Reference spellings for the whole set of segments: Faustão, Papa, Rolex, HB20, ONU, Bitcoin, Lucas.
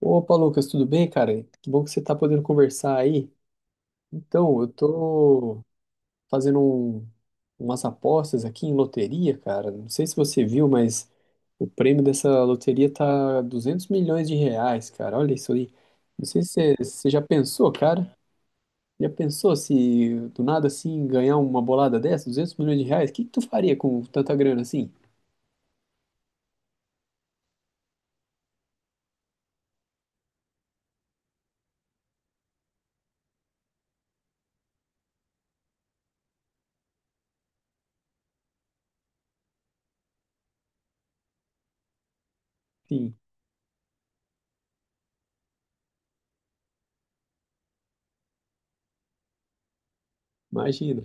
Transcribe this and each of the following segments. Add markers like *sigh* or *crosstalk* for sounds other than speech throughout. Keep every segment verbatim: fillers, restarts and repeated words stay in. Opa, Lucas, tudo bem, cara? Que bom que você está podendo conversar aí. Então, eu tô fazendo um- umas apostas aqui em loteria, cara. Não sei se você viu, mas o prêmio dessa loteria tá duzentos milhões de reais, cara. Olha isso aí. Não sei se você você já pensou, cara. Já pensou se do nada assim ganhar uma bolada dessa, duzentos milhões de reais? O que que tu faria com tanta grana assim? Sim, imagina.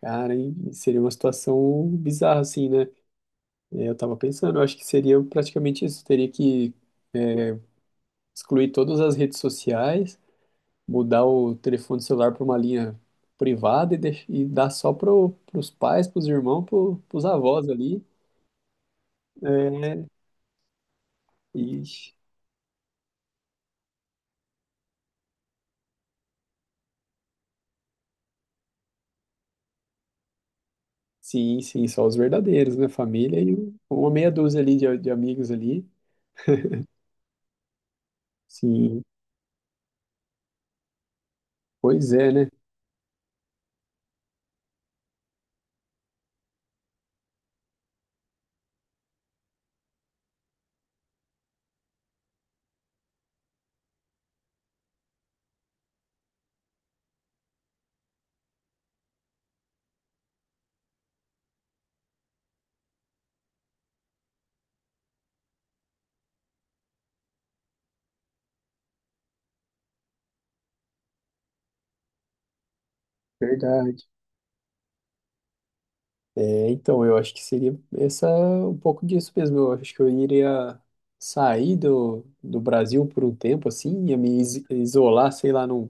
Cara, hein? Seria uma situação bizarra assim, né? É, eu tava pensando, eu acho que seria praticamente isso. Teria que é, excluir todas as redes sociais, mudar o telefone celular para uma linha privada e, deix- e dar só para os pais, para os irmãos, para os avós ali. É, ixi. Sim, sim, só os verdadeiros, né? Família e uma meia dúzia ali de, de amigos ali. Sim, pois é, né? Verdade. É, então, eu acho que seria essa um pouco disso mesmo. Eu acho que eu iria sair do, do Brasil por um tempo, assim, ia me is- isolar, sei lá, num,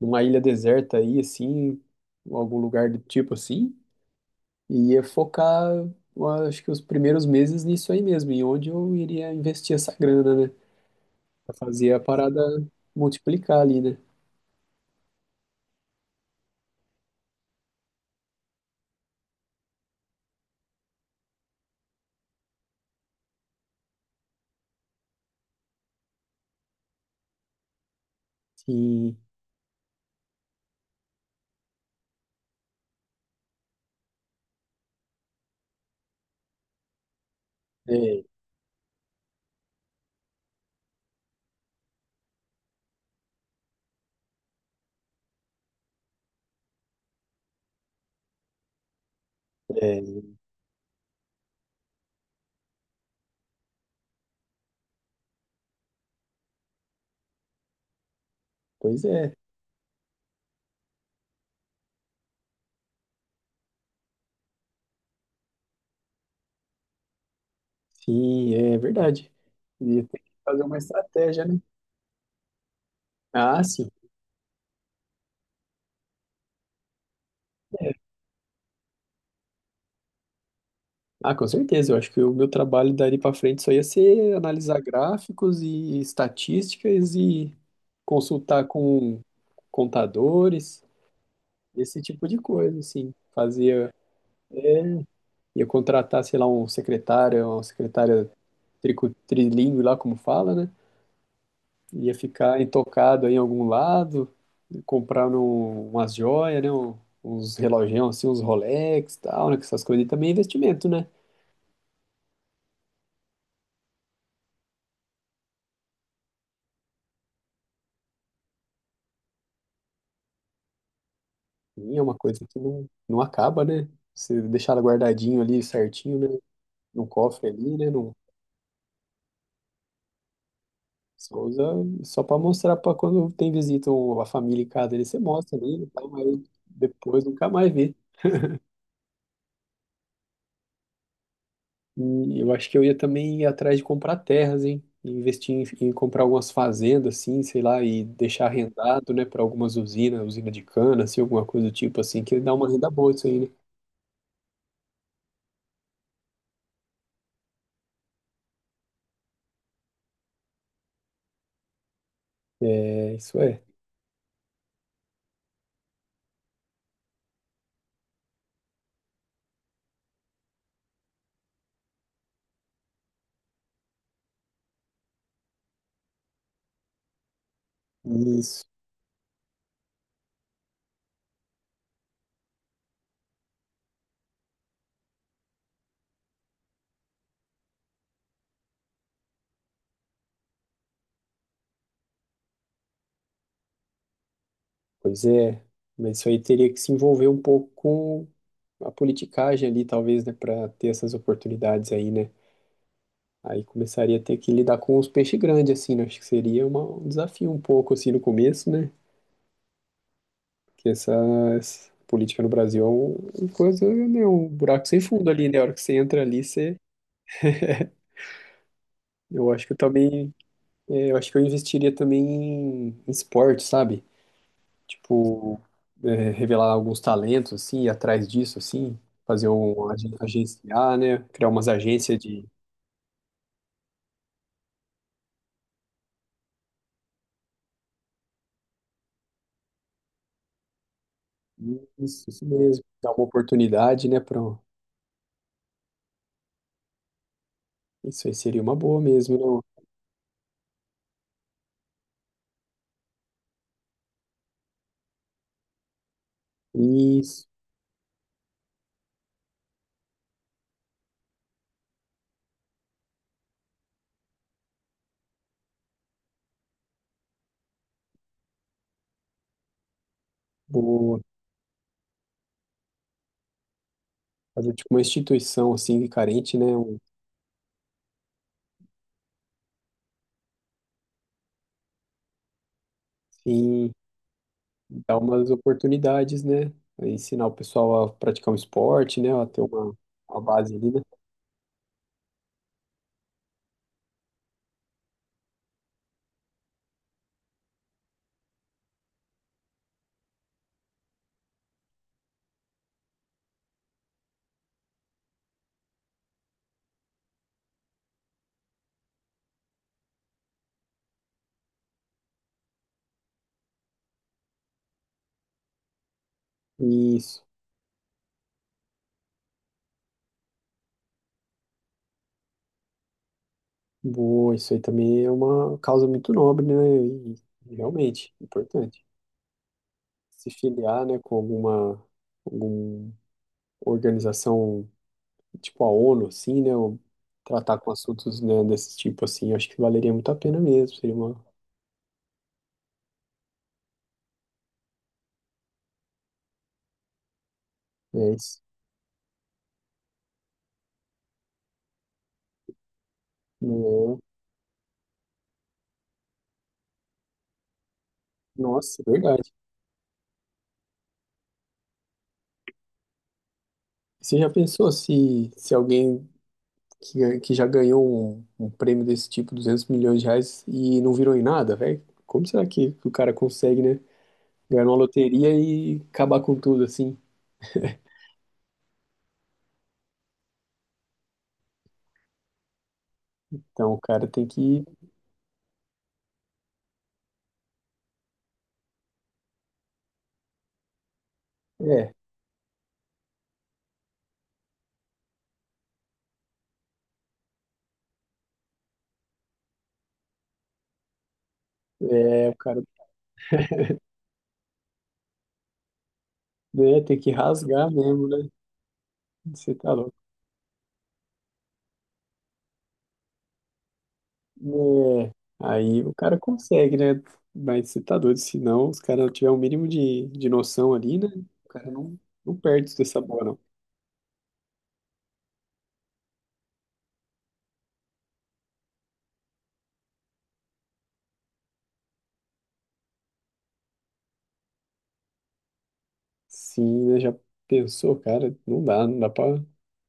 numa ilha deserta aí, assim, em algum lugar do tipo assim, e ia focar, eu acho que os primeiros meses nisso aí mesmo, em onde eu iria investir essa grana, né? Pra fazer a parada multiplicar ali, né? Sim, é, é, pois é, sim, é verdade. Ia ter que fazer uma estratégia, né? Ah, sim. Ah, com certeza. Eu acho que o meu trabalho dali para frente só ia ser analisar gráficos e estatísticas e consultar com contadores, esse tipo de coisa, assim. Fazia, ia contratar, sei lá, um secretário, uma secretária trico, trilingue lá, como fala, né? Ia ficar intocado aí em algum lado, comprar um, umas joias, né? um- uns relogião, assim, uns Rolex e tal, né? Que essas coisas aí também é investimento, né? Sim, é uma coisa que não, não acaba, né? Se deixar ela guardadinho ali certinho, né? Num cofre ali, né? Num, só usa só para mostrar para quando tem visita ou a família em casa, ele você mostra ali, e tal, mas depois nunca mais vê. E eu acho que eu ia também ir atrás de comprar terras, hein? E investir em, em comprar algumas fazendas, assim, sei lá, e deixar arrendado, né, para algumas usinas, usina de cana, assim, alguma coisa do tipo, assim, que dá uma renda boa isso aí, né? É, isso é. Isso. Pois é, mas isso aí teria que se envolver um pouco com a politicagem ali, talvez, né, para ter essas oportunidades aí, né? Aí começaria a ter que lidar com os peixes grandes, assim, né? Acho que seria uma- um desafio um pouco, assim, no começo, né? Porque essa, essa política no Brasil é uma coisa, né, um buraco sem fundo ali, né? A hora que você entra ali, você... Eu acho que eu também... É, eu acho que eu investiria também em, em esporte, sabe? Tipo, é, revelar alguns talentos, assim, ir atrás disso, assim, fazer um agen- agenciar, né? Criar umas agências de. Isso, isso mesmo. Dar uma oportunidade, né? Para Isso aí seria uma boa mesmo, não? Isso, boa. Fazer tipo uma instituição, assim, carente, né? Um, sim, dar umas oportunidades, né? Ensinar o pessoal a praticar um esporte, né? A ter uma, uma base ali, né? Isso. Boa, isso aí também é uma causa muito nobre, né? E realmente importante. Se filiar, né, com alguma, alguma organização tipo a ONU, assim, né? Ou tratar com assuntos, né, desse tipo, assim, eu acho que valeria muito a pena mesmo. Seria uma. É isso. Né? Nossa, é verdade. Você já pensou se, se alguém que, ganha- que já ganhou um, um prêmio desse tipo, duzentos milhões de reais, e não virou em nada, velho? Como será que o cara consegue, né? Ganhar uma loteria e acabar com tudo, assim. Então o cara tem que. É, é, o cara né, tem que rasgar mesmo, né? Você tá louco. É, aí o cara consegue, né? Mas você tá doido, se não, os caras não tiver o mínimo de, de noção ali, né? O cara não, não perde dessa bola, não. Sim, né? Já pensou, cara? Não dá, não dá pra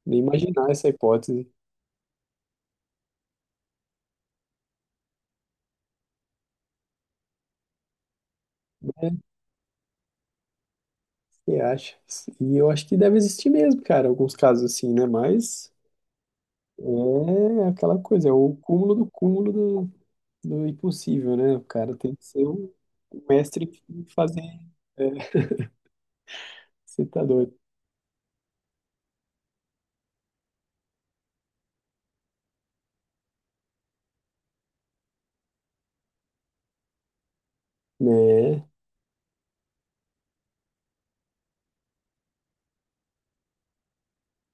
nem imaginar essa hipótese. É, você acha? E eu acho que deve existir mesmo, cara, alguns casos assim, né? Mas. É aquela coisa, é o cúmulo do cúmulo do, do impossível, né? O cara tem que ser o o mestre em fazer. É, *laughs* você tá doido. Né?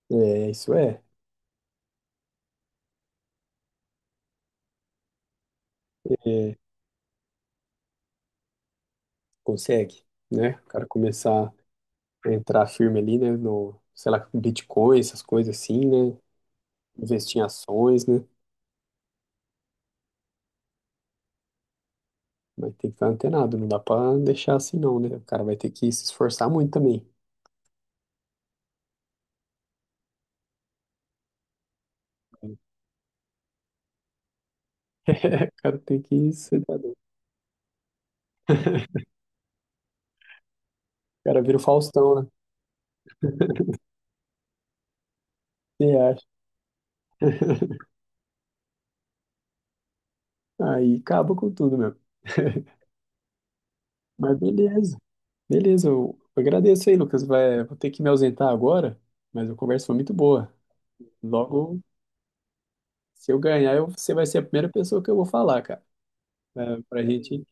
É, isso é. É, consegue, né? O cara começar a entrar firme ali, né? No, sei lá, com Bitcoin, essas coisas assim, né? Investir em ações, né? Vai ter que estar antenado, não dá pra deixar assim, não, né? O cara vai ter que se esforçar muito também. *laughs* O cara tem que. Ir, você tá doido. O cara vira o Faustão, né? Você acha? Aí acaba com tudo, meu. *laughs* Mas beleza, beleza. Eu agradeço aí, Lucas. Vai, vou ter que me ausentar agora, mas a conversa foi muito boa. Logo, se eu ganhar, eu- você vai ser a primeira pessoa que eu vou falar, cara. É, pra gente,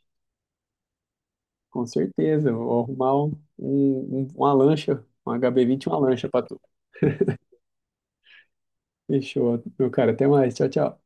com certeza, eu vou arrumar um, um- um, uma lancha, um H B vinte, e uma lancha pra tu. Fechou, meu cara. Até mais. Tchau, tchau.